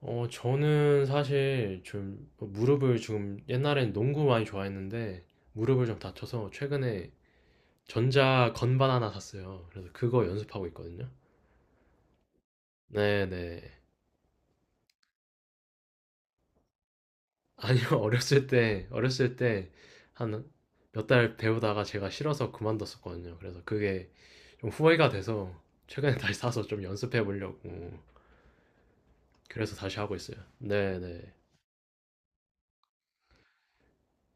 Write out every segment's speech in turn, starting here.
저는 사실 좀 무릎을 지금 옛날엔 농구 많이 좋아했는데 무릎을 좀 다쳐서 최근에 전자 건반 하나 샀어요. 그래서 그거 연습하고 있거든요. 네네. 아니요, 어렸을 때 한 몇 달 배우다가 제가 싫어서 그만뒀었거든요. 그래서 그게 좀 후회가 돼서 최근에 다시 사서 좀 연습해 보려고. 그래서 다시 하고 있어요. 네네.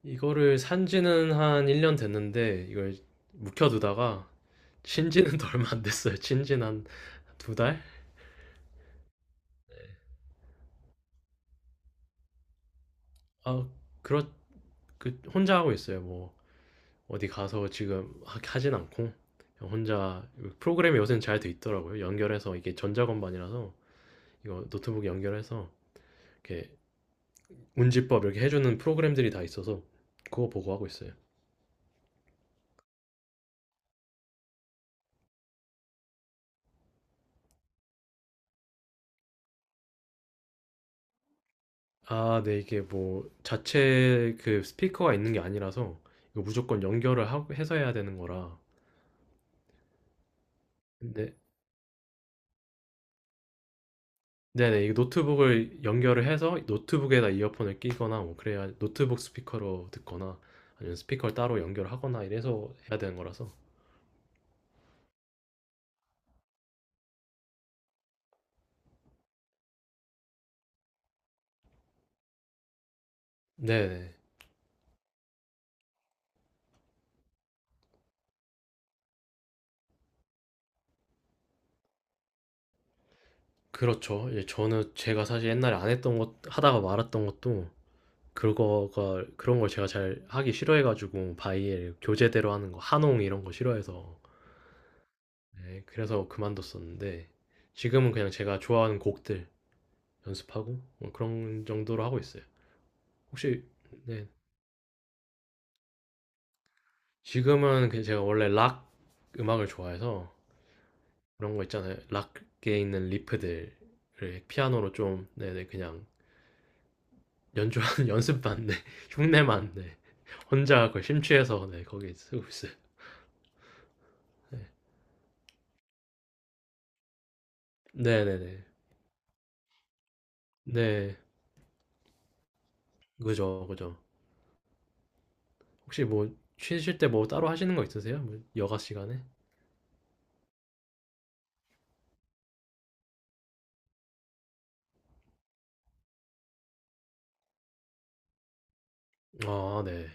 이거를 산 지는 한 1년 됐는데 이걸 묵혀두다가 친 지는 더 얼마 안 됐어요. 친 지는 한 두 달? 아, 그렇, 혼자 하고 있어요. 뭐, 어디 가서 지금 하진 않고, 그냥 혼자, 프로그램이 요새는 잘 돼 있더라고요. 연결해서, 이게 전자건반이라서, 이거 노트북에 연결해서, 이렇게 운지법 이렇게 해주는 프로그램들이 다 있어서, 그거 보고 하고 있어요. 아, 네, 이게 뭐, 자체 그 스피커가 있는 게 아니라서, 이거 무조건 연결을 하고 해서 해야 되는 거라. 네. 네네. 이 노트북을 연결을 해서 노트북에다 이어폰을 끼거나 뭐 그래야 노트북 스피커로 듣거나 아니면 스피커를 따로 연결하거나 이래서 해야 되는 거라서. 네네. 그렇죠. 예, 저는 제가 사실 옛날에 안 했던 것 하다가 말았던 것도 그거가 그런 걸 제가 잘 하기 싫어해 가지고 바이엘 교재대로 하는 거 한홍 이런 거 싫어해서, 네, 그래서 그만뒀었는데 지금은 그냥 제가 좋아하는 곡들 연습하고 뭐 그런 정도로 하고 있어요. 혹시 네. 지금은 그 제가 원래 락 음악을 좋아해서 그런 거 있잖아요. 락에 있는 리프들을 피아노로 좀, 네네, 그냥 연주하는 연습반, 네, 흉내만, 네, 혼자 그 심취해서, 네, 거기에 쓰고 있어요. 네네네. 네. 그죠, 그죠. 혹시 뭐 쉬실 때 뭐 따로 하시는 거 있으세요? 뭐 여가 시간에? 아, 네.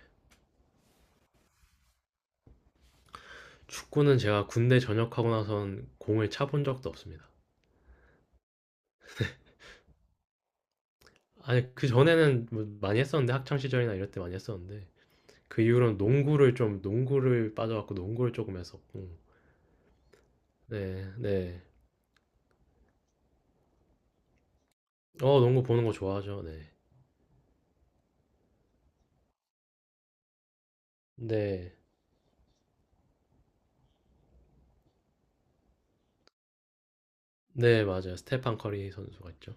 축구는 제가 군대 전역하고 나선 공을 차 본 적도 없습니다. 아니 그전에는 뭐 많이 했었는데 학창 시절이나 이럴 때 많이 했었는데 그 이후로는 농구를 빠져갖고 농구를 조금 했었고. 네, 네. 농구 보는 거 좋아하죠. 네. 네. 네, 맞아요. 스테판 커리 선수가 있죠.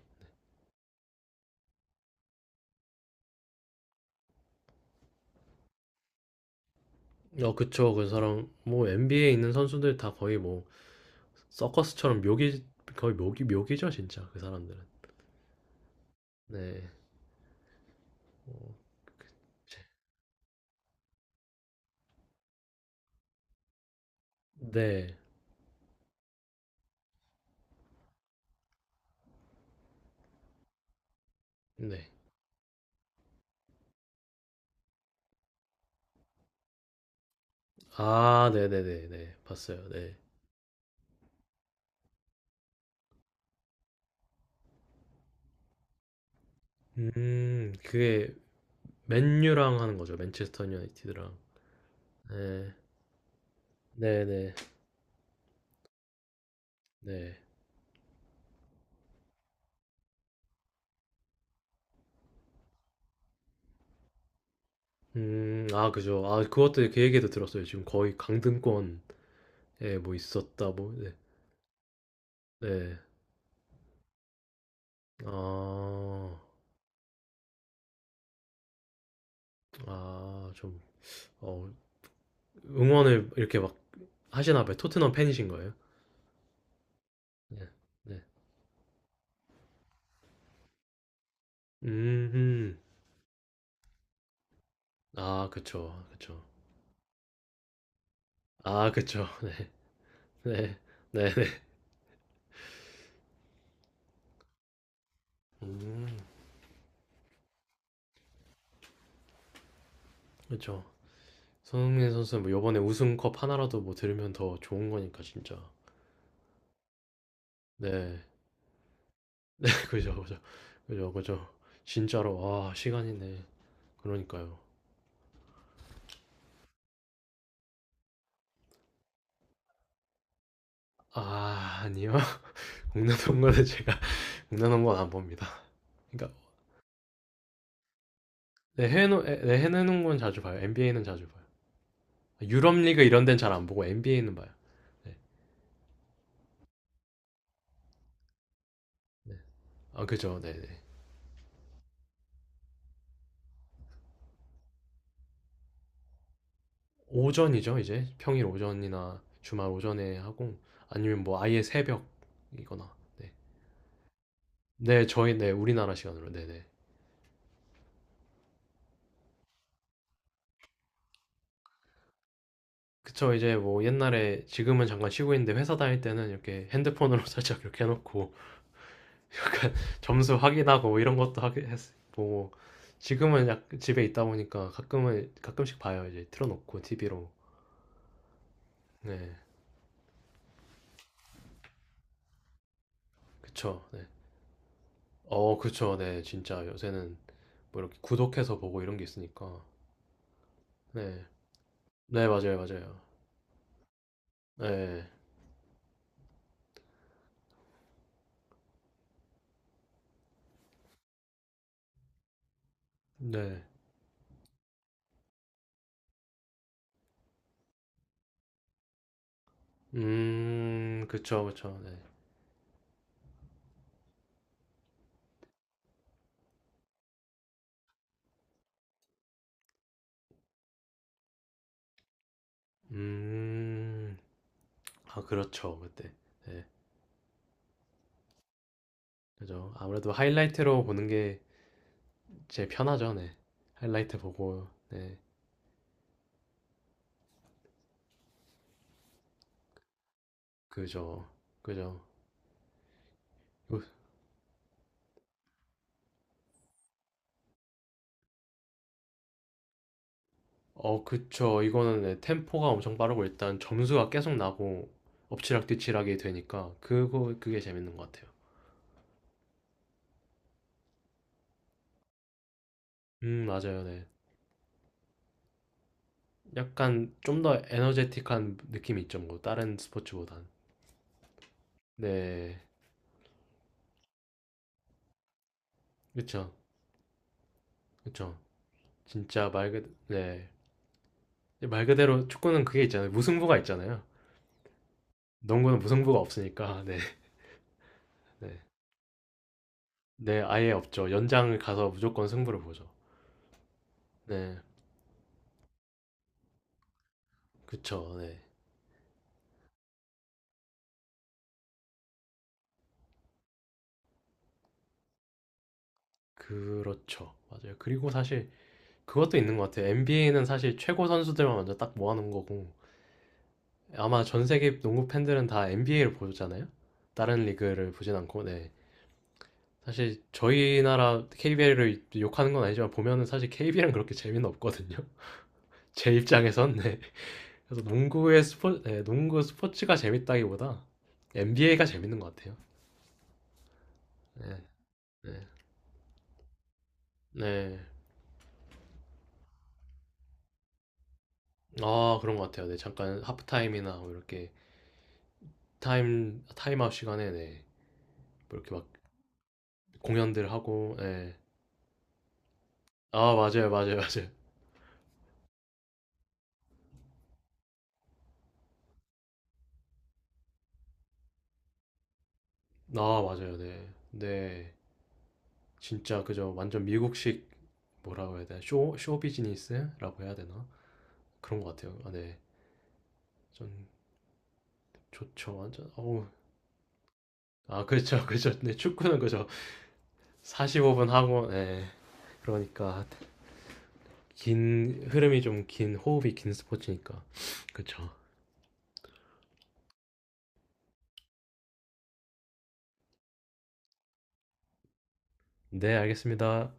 어, 그쵸. 그 사람 뭐 NBA에 있는 선수들 다 거의 뭐 서커스처럼 묘기 거의 묘기죠, 진짜. 그 사람들은. 네. 어, 제- 네. 네. 아, 네네네, 네. 네, 네. 봤어요. 네. 그게 맨유랑 하는 거죠. 맨체스터 유나이티드랑. 네. 네네. 네. 네. 아, 그죠. 아, 그것도 그 얘기도 들었어요. 지금 거의 강등권에 뭐 있었다, 뭐, 네. 네. 아, 좀, 어, 응원을 이렇게 막 하시나 봐요? 토트넘 팬이신 거예요? 네. 네. 음. 음. 아, 그쵸. 그쵸. 아, 그쵸. 네. 네. 네. 네. 음, 그쵸. 손흥민 선수는 뭐 요번에 우승컵 하나라도 뭐 들으면 더 좋은 거니까, 진짜. 네. 그죠, 그죠. 그죠, 그죠. 진짜로, 아, 시간이네. 그러니까요. 아, 아니요. 공나놓은 거는 제가 공나놓은 건 안 봅니다. 그러니까 내 해외 농건 자주 봐요. NBA는 자주 봐요. 유럽 리그 이런 데는 잘 안 보고 NBA는 봐요. 네. 아, 그죠. 네, 네. 오전이죠, 이제. 평일 오전이나 주말 오전에 하고 아니면 뭐 아예 새벽이거나. 네. 네, 저희, 네, 우리나라 시간으로. 네, 네. 그쵸, 이제 뭐 옛날에, 지금은 잠깐 쉬고 있는데 회사 다닐 때는 이렇게 핸드폰으로 살짝 이렇게 해놓고 약간 점수 확인하고 이런 것도 하게 했, 보고 지금은 약 집에 있다 보니까 가끔은 가끔씩 봐요. 이제 틀어놓고 TV로. 네, 그쵸. 네. 어, 그쵸. 네, 진짜 요새는 뭐 이렇게 구독해서 보고 이런 게 있으니까. 네, 네, 맞아요, 맞아요. 네, 네. 그쵸, 그쵸. 네. 음, 아, 그렇죠. 그때. 네, 그죠. 아무래도 하이라이트로 보는 게 제일 편하죠. 네, 하이라이트 보고. 네. 그죠. 그죠. 그- 어, 그쵸. 이거는, 네, 템포가 엄청 빠르고 일단 점수가 계속 나고 엎치락뒤치락이 되니까 그거 그게 재밌는 것 같아요. 맞아요. 네. 약간 좀 더 에너제틱한 느낌이 있죠. 뭐 다른 스포츠보단. 네. 그쵸. 그쵸. 진짜 말 그대로, 네. 말 그대로 축구는 그게 있잖아요. 무승부가 있잖아요. 농구는 무승부가 없으니까. 네. 네. 네, 아예 없죠. 연장을 가서 무조건 승부를 보죠. 네. 그쵸. 네. 그렇죠. 맞아요. 그리고 사실 그것도 있는 것 같아요. NBA는 사실 최고 선수들만 먼저 딱 모아놓은 거고 아마 전 세계 농구 팬들은 다 NBA를 보잖아요. 다른 리그를 보진 않고. 네. 사실 저희 나라 KBL을 욕하는 건 아니지만 보면은 사실 KBL은 그렇게 재미는 없거든요. 제 입장에선. 네. 그래서 농구의 스포, 네, 농구 스포츠가 재밌다기보다 NBA가 재밌는 것 같아요. 네. 네. 네. 아, 그런 것 같아요. 네, 잠깐 하프타임이나 뭐 이렇게 타임아웃 시간에. 네. 뭐 이렇게 막 공연들 하고. 네. 아, 맞아요. 맞아요. 맞아요. 아, 맞아요. 네. 네. 진짜 그저 완전 미국식, 뭐라고 해야 되나? 쇼 쇼비즈니스라고 해야 되나? 그런 것 같아요. 아, 네. 전 좋죠. 완전 어우. 아, 그렇죠. 그렇죠. 네, 축구는 그죠. 45분 하고, 네. 그러니까 긴 흐름이 좀 긴 호흡이 긴 스포츠니까. 그렇죠. 네, 알겠습니다.